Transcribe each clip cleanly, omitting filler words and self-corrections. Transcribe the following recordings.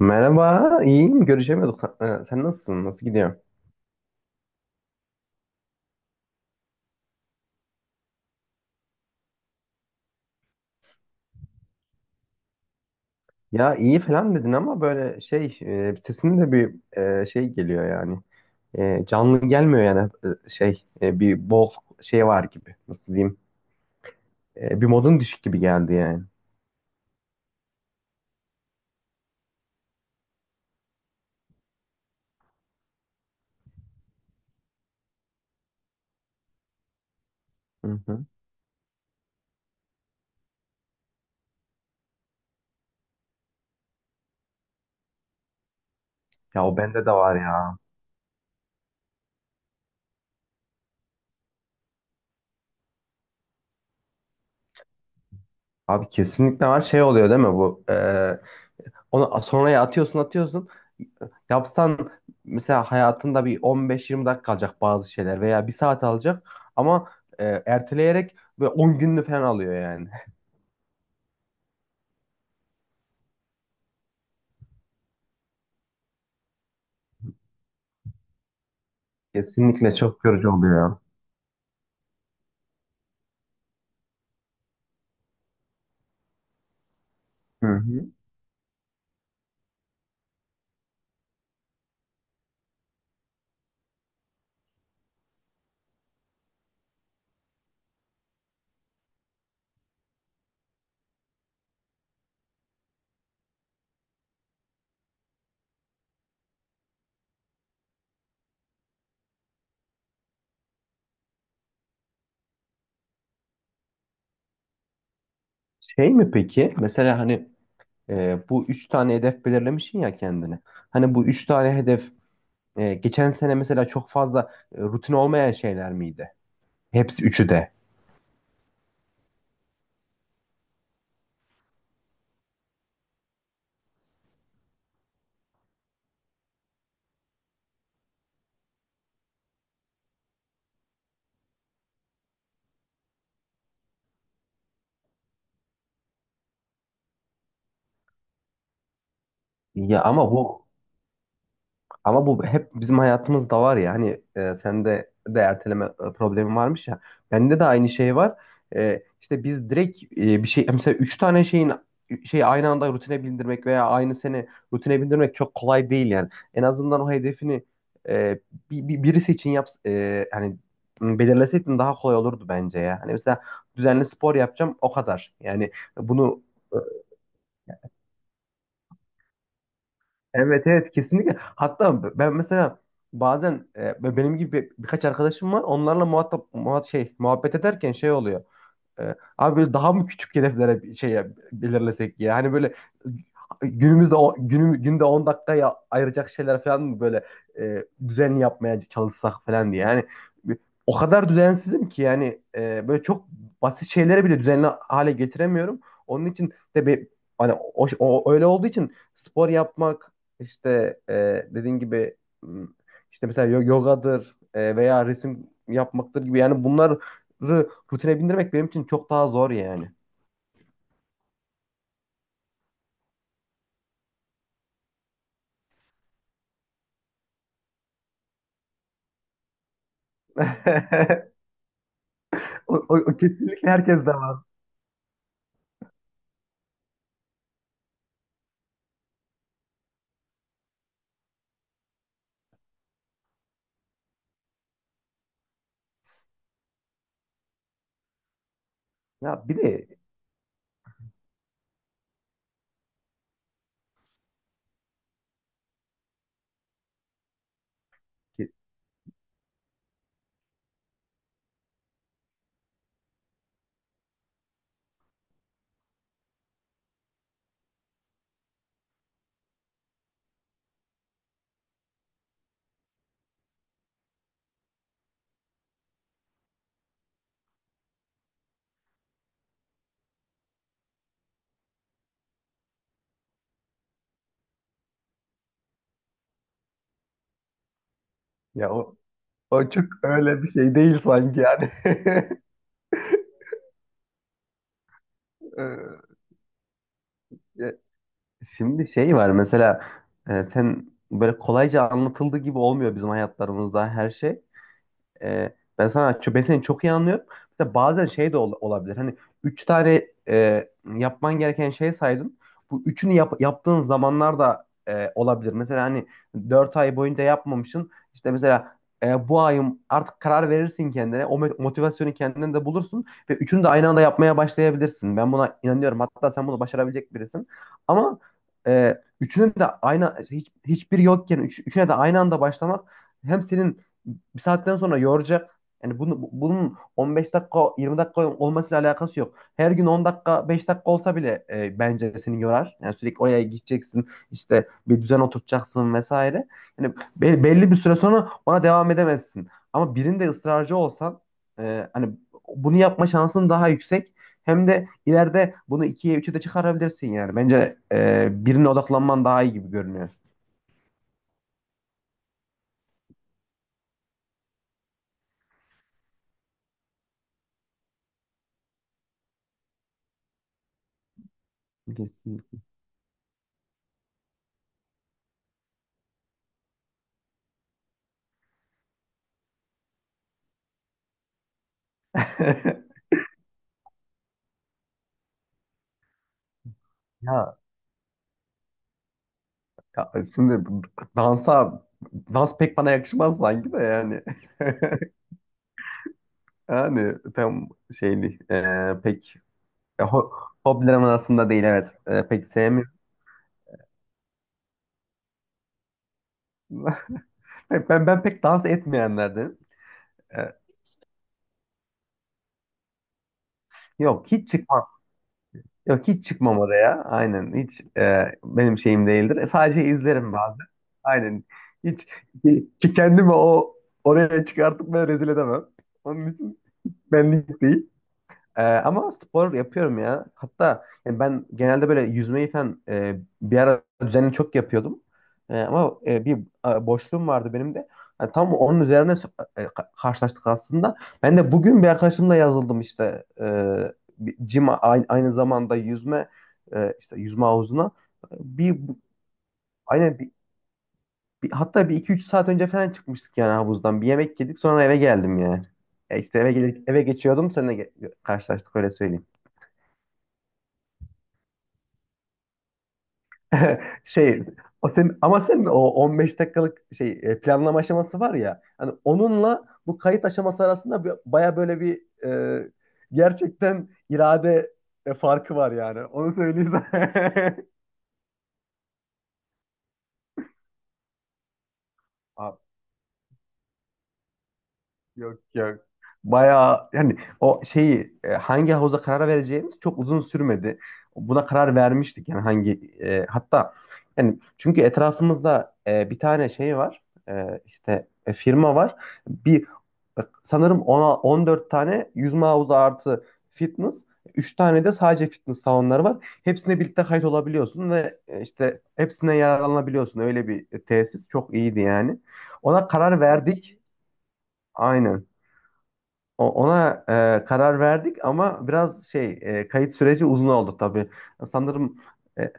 Merhaba, iyiyim. Görüşemiyorduk. Ha, sen nasılsın? Nasıl gidiyor? Ya iyi falan dedin ama böyle şey, sesin de bir şey geliyor yani. Canlı gelmiyor yani. Şey, bir bol şey var gibi. Nasıl diyeyim? Bir modun düşük gibi geldi yani. Hı hı. Ya o bende de var ya. Abi kesinlikle var. Şey oluyor değil mi bu? Onu sonraya atıyorsun atıyorsun. Yapsan mesela hayatında bir 15-20 dakika kalacak bazı şeyler veya bir saat alacak ama erteleyerek ve 10 gününü falan alıyor yani. Kesinlikle çok yorucu oluyor. Hı hı. Şey mi peki? Mesela hani bu üç tane hedef belirlemişsin ya kendine. Hani bu üç tane hedef geçen sene mesela çok fazla rutin olmayan şeyler miydi? Hepsi üçü de. Ya ama bu Ama bu hep bizim hayatımızda var ya hani, sende de erteleme problemi varmış ya. Bende de aynı şey var. İşte biz direkt bir şey, mesela üç tane şeyin şey aynı anda rutine bindirmek veya aynı sene rutine bindirmek çok kolay değil yani. En azından o hedefini e, birisi için yap, hani belirleseydin daha kolay olurdu bence ya. Hani mesela düzenli spor yapacağım, o kadar. Yani bunu e, Evet, evet, kesinlikle. Hatta ben mesela bazen benim gibi birkaç arkadaşım var. Onlarla muhatap muhat şey muhabbet ederken şey oluyor. Abi, böyle daha mı küçük hedeflere bir şey belirlesek ya? Hani böyle günümüzde günde 10 dakikaya ayıracak şeyler falan mı böyle düzenli yapmaya çalışsak falan diye. Yani o kadar düzensizim ki, yani böyle çok basit şeyleri bile düzenli hale getiremiyorum. Onun için de bir hani öyle olduğu için spor yapmak, işte dediğin gibi m, işte mesela yogadır veya resim yapmaktır gibi, yani bunlar rutine bindirmek benim için çok daha zor yani. O kesinlikle herkes de var. Ya bir de ki- Ya o çok öyle bir şey değil sanki yani. Ee, Ya şimdi şey var mesela, sen böyle kolayca anlatıldığı gibi olmuyor bizim hayatlarımızda her şey. E, Ben seni çok iyi anlıyorum. Mesela bazen şey de olabilir. Hani, üç tane yapman gereken şey saydın. Bu üçünü yaptığın zamanlar da olabilir. Mesela hani, 4 ay boyunca yapmamışsın. İşte mesela, bu ayım, artık karar verirsin kendine. O motivasyonu kendinde de bulursun. Ve üçünü de aynı anda yapmaya başlayabilirsin. Ben buna inanıyorum. Hatta sen bunu başarabilecek birisin. Ama üçünün de aynı hiçbiri yokken, üçüne de aynı anda başlamak hem senin bir saatten sonra yoracak. Yani bunun 15 dakika 20 dakika olmasıyla alakası yok. Her gün 10 dakika 5 dakika olsa bile bence seni yorar. Yani sürekli oraya gideceksin, işte bir düzen oturtacaksın vesaire. Yani belli bir süre sonra ona devam edemezsin. Ama birinde ısrarcı olsan, hani, bunu yapma şansın daha yüksek. Hem de ileride bunu ikiye üçe de çıkarabilirsin yani. Bence birine odaklanman daha iyi gibi görünüyor. Kesinlikle. Ya Ya şimdi dansa dans pek bana yakışmaz sanki de yani. Yani tam şey değil. Pek e, ho hobilerim arasında değil, evet. Pek sevmiyorum. Ben pek dans etmeyenlerdenim. Ee, Yok, hiç çıkmam. Yok, hiç çıkmam oraya. Aynen, hiç benim şeyim değildir. Sadece izlerim bazen. Aynen. Hiç ki kendimi oraya çıkartıp ben rezil edemem. Onun için benlik değil. Ama spor yapıyorum ya. Hatta yani ben genelde böyle yüzmeyi falan, bir ara düzenli çok yapıyordum. Ama bir boşluğum vardı benim de. Yani tam onun üzerine karşılaştık aslında. Ben de bugün bir arkadaşımla yazıldım işte. Bir gym, aynı zamanda yüzme, işte yüzme havuzuna. Bir aynen, hatta bir iki üç saat önce falan çıkmıştık yani havuzdan. Bir yemek yedik, sonra eve geldim yani. İşte eve geçiyordum, seninle karşılaştık, öyle söyleyeyim. Şey Ama sen o 15 dakikalık şey, planlama aşaması var ya hani, onunla bu kayıt aşaması arasında baya böyle bir, e, gerçekten irade farkı var yani. Onu söyleyeyim sana. Yok, yok. Bayağı yani o şeyi, hangi havuza karar vereceğimiz çok uzun sürmedi. Buna karar vermiştik yani, hatta yani, çünkü etrafımızda bir tane şey var. İşte firma var. Bir Sanırım ona 14 tane yüzme havuzu artı fitness, 3 tane de sadece fitness salonları var. Hepsine birlikte kayıt olabiliyorsun ve işte hepsine yararlanabiliyorsun. Öyle bir tesis, çok iyiydi yani. Ona karar verdik. Aynen. Ona karar verdik ama biraz kayıt süreci uzun oldu tabii. Sanırım e,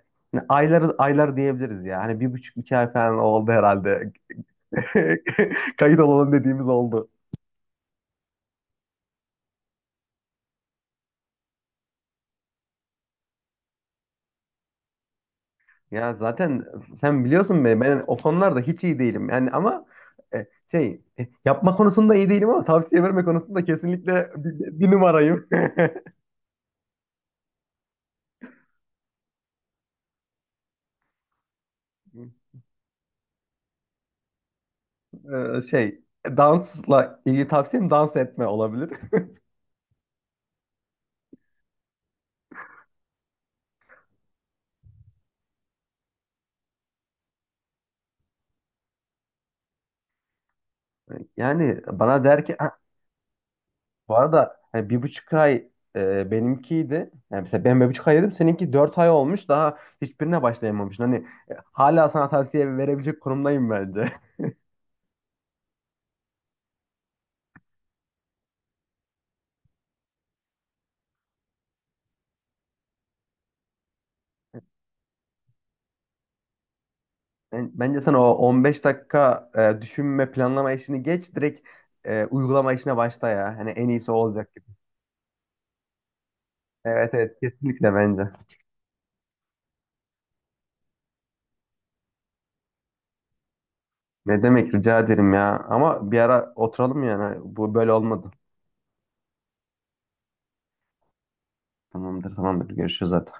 aylar aylar diyebiliriz ya. Hani bir buçuk iki ay falan oldu herhalde. Kayıt olalım dediğimiz. Oldu. Ya zaten sen biliyorsun beni, ben o konularda hiç iyi değilim. Yani ama yapma konusunda iyi değilim ama tavsiye verme konusunda kesinlikle bir numarayım. E, şey Dansla ilgili tavsiyem, dans etme olabilir. Yani bana der ki Bu arada hani bir buçuk ay benimkiydi. Yani mesela ben bir buçuk ay dedim. Seninki 4 ay olmuş. Daha hiçbirine başlayamamışsın. Hani hala sana tavsiye verebilecek konumdayım bence. Bence sen o 15 dakika düşünme, planlama işini geç. Direkt uygulama işine başla ya. Hani en iyisi o olacak gibi. Evet, evet, kesinlikle bence. Ne demek, rica ederim ya. Ama bir ara oturalım yani. Bu böyle olmadı. Tamamdır, tamamdır. Görüşürüz zaten.